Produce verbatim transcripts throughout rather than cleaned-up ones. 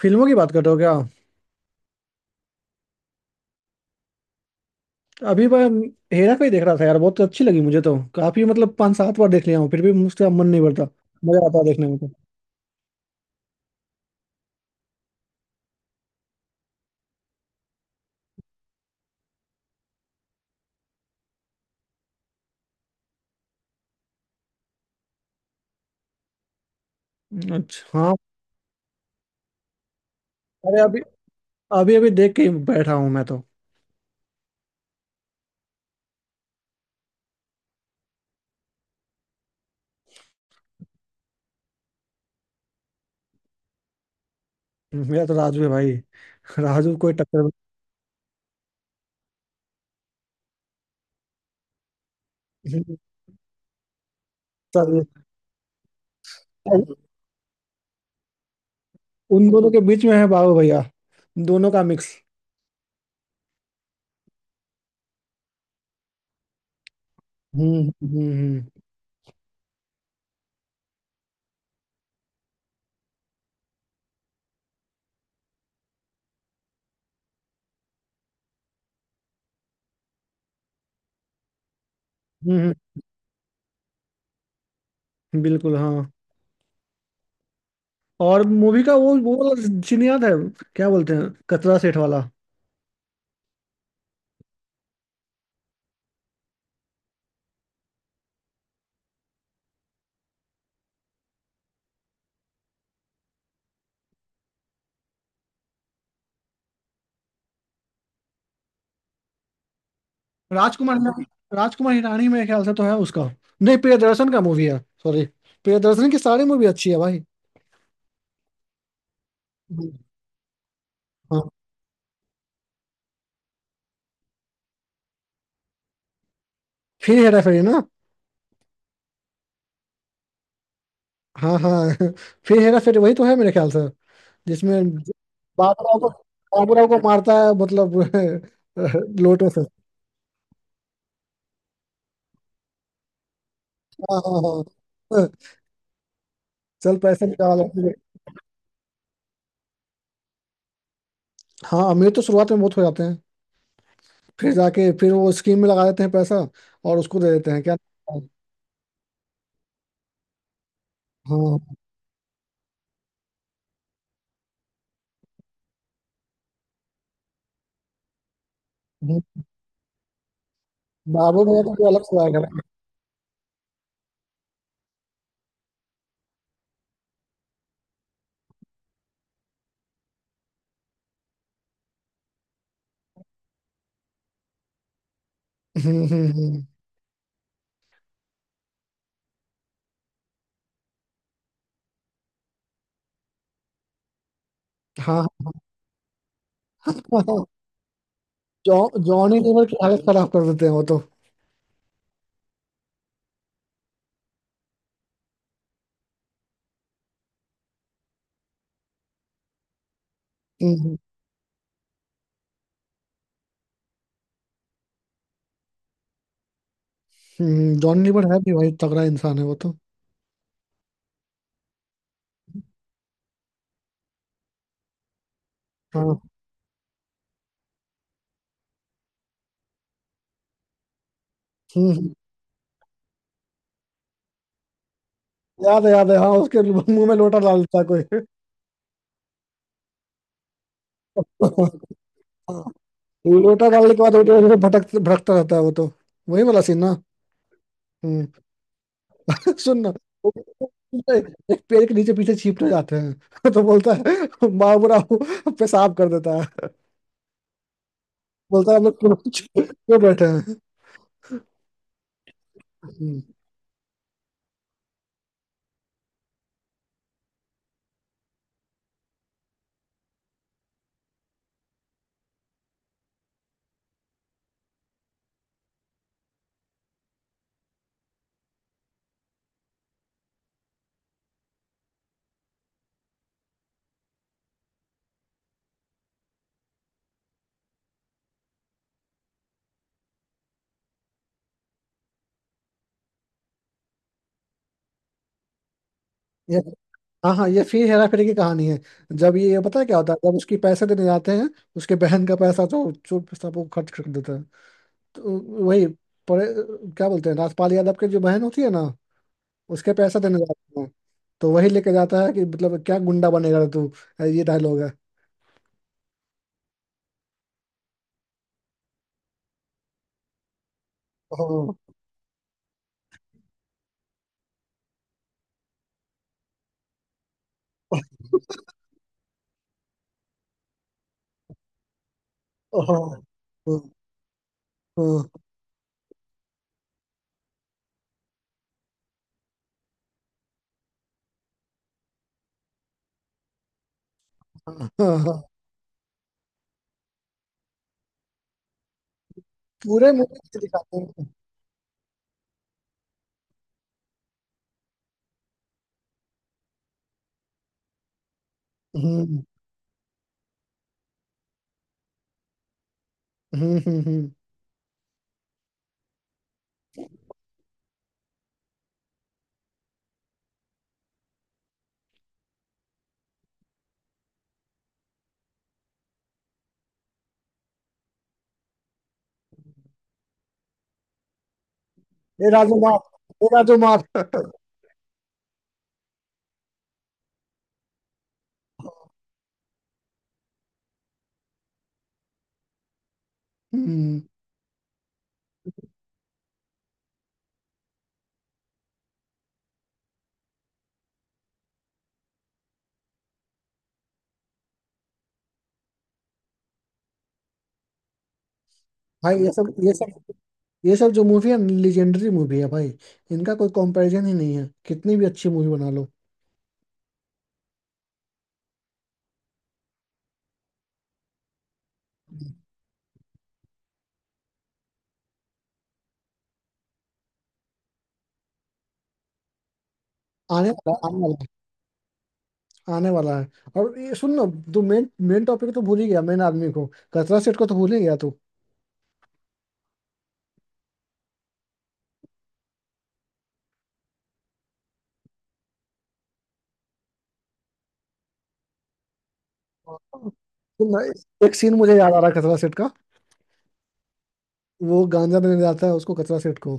फिल्मों की बात कर रहे हो क्या? अभी मैं हेरा फेरी देख रहा था यार, बहुत अच्छी लगी मुझे। तो काफी मतलब पांच सात बार देख लिया हूँ, फिर भी मुझसे मन नहीं भरता। मजा आता है देखने में तो। अच्छा, हाँ। अरे, अभी अभी अभी देख के ही बैठा हूँ मैं तो। मेरा तो राजू है भाई, राजू कोई टक्कर नहीं। सर, उन दोनों के बीच में है बाबू भैया, दोनों का मिक्स। हम्म हम्म हम्म हम्म। बिल्कुल, हाँ। और मूवी का वो वो वाला सीन याद है? क्या बोलते हैं, कचरा सेठ वाला? राजकुमार हिरानी, राजकुमार हिरानी मेरे ख्याल से तो है उसका। नहीं, प्रियदर्शन का मूवी है, सॉरी। प्रियदर्शन की सारी मूवी अच्छी है भाई। हाँ, फिर हेरा फेरी ना। हाँ हाँ फिर हेरा फेरी वही तो है मेरे ख्याल से। जिसमें बाबूराव को बाबूराव को मारता है मतलब लोटो से। हाँ हाँ हाँ, चल पैसे निकाल अपने। हाँ, अमीर तो शुरुआत में बहुत हो जाते हैं। फिर जाके फिर वो स्कीम में लगा देते हैं पैसा, और उसको दे देते हैं क्या। हाँ, बाबू भैया तो कोई अलग से आएगा। हम्म हम्म, हम्म। हाँ हाँ, जॉ- जॉनी लीवर की हालत खराब कर देते हैं वो तो। हम्म हम्म। जॉनी लीवर है भी भाई, तगड़ा इंसान है वो तो। हाँ। हम्म हम्म। याद है याद है, हाँ उसके मुंह में लोटा डाल देता है कोई। हाँ, लोटा डालने के बाद वो जो है भटक भटकता रहता है वो तो। वही वाला सीन ना? हम्म। सुन ना, वो- एक पेड़ के नीचे पीछे छिपने जाते हैं तो बोलता है बाबूराव पेशाब कर देता है। बोलता है हम लोग क्यों क्यों बैठे हैं। हम्म। हाँ हाँ, ये फिर हेरा फेरी की कहानी है। जब ये पता है क्या होता है, जब उसकी पैसे देने जाते हैं। उसके बहन का पैसा तो चुप सब वो खर्च कर देता है, तो वही परे क्या बोलते हैं राजपाल यादव की जो बहन होती है ना, उसके पैसा देने जाते हैं। तो वही लेके जाता है कि मतलब क्या गुंडा बनेगा तू, ये डायलॉग है। ओहो, ओहो, ओहो, ओहो, ओहो। पूरे मूवी में दिखाते हैं। हम्म हम्म हम्म हम्म। हम्म। ये राजू माफ, ये राजू माफ। हम्म। भाई, ये सब ये सब ये सब जो मूवी है, लेजेंडरी मूवी है भाई। इनका कोई कंपैरिजन ही नहीं है, कितनी भी अच्छी मूवी बना लो। आने वाला आने वाला है, आने वाला है। और ये सुन ना, तू मेन मेन टॉपिक तो भूल ही गया, मेन आदमी को। खतरा सेठ को तो भूल ही गया तू। सुन ना, एक सीन मुझे याद आ रहा है खतरा सेठ का। वो गांजा देने जाता है उसको, खतरा सेठ को।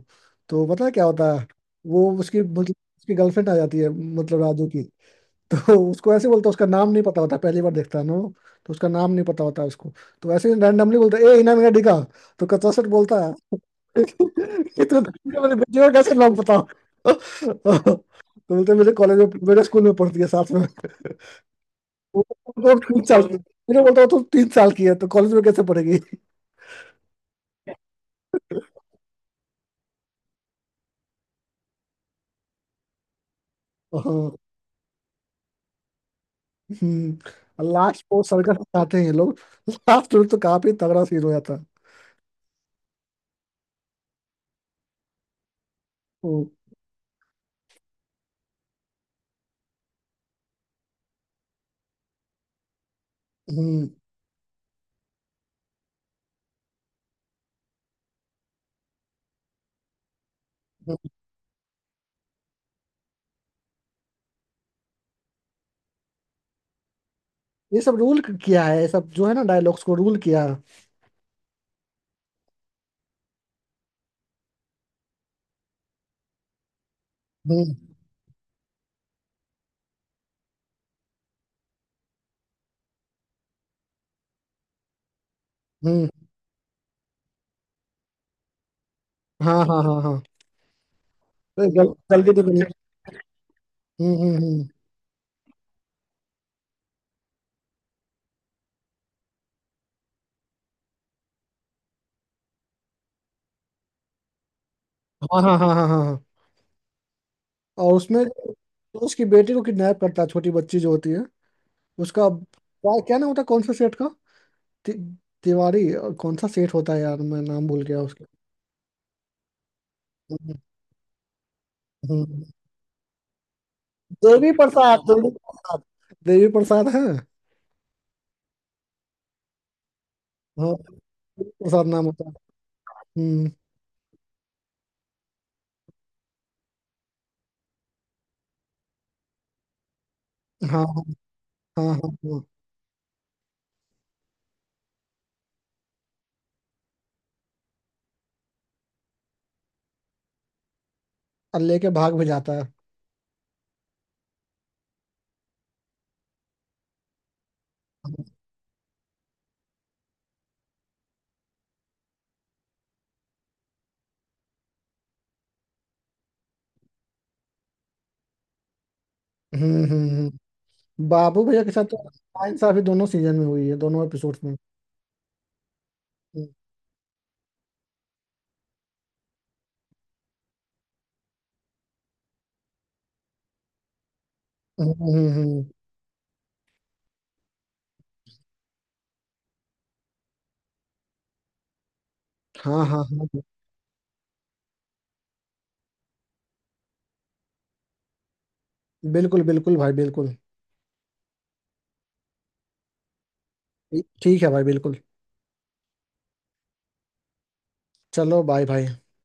तो पता है क्या होता है, वो उसकी मतलब उसकी गर्लफ्रेंड आ जाती है, मतलब राजू की। तो उसको ऐसे बोलता है, उसका नाम नहीं पता होता, पहली बार देखता है ना वो, तो उसका नाम नहीं पता होता उसको। तो ऐसे रैंडमली बोलता है ए इनाम मेरा डिगा। तो कचरा सर बोलता है, कितने मेरे बेटे का कैसे नाम पता। तो बोलते मेरे कॉलेज में, मेरे स्कूल में पढ़ती है साथ में। वो तो तीन साल की, मैंने बोलता वो तो तीन साल की है, तो कॉलेज में कैसे पढ़ेगी। हाँ, लास्ट को सर्कस आते हैं ये लोग। लास्ट में तो काफी तगड़ा सीन हो जाता है। हम्म। ये सब रूल किया है, ये सब जो है ना डायलॉग्स को रूल किया है। हम्म हम्म। हाँ हाँ हाँ हाँ। अरे जल, जल्दी तो मिल-। हम्म हम्म हम्म। हाँ हाँ हाँ हाँ हाँ हाँ। और उसमें तो उसकी बेटी को किडनैप करता है, छोटी बच्ची जो होती है। उसका क्या क्या नाम होता है, कौन सा सेठ का? ति, तिवारी, और कौन सा सेठ होता है यार, मैं नाम भूल गया उसका। हम्म, हम्म। देवी प्रसाद, देवी प्रसाद। देवी प्रसाद है। हाँ, देवी प्रसाद नाम होता है। हम्म। हाँ हाँ हाँ हाँ हाँ। और लेके भाग भी जाता है। हम्म हम्म हम्म। बाबू भैया के साथ तो आयन साहब ही दोनों सीजन में हुई है, दोनों एपिसोड्स में। हम्म हम्म हम्म। हाँ हाँ हाँ, बिल्कुल बिल्कुल भाई, बिल्कुल। ठीक है भाई, बिल्कुल। चलो, बाय भाई।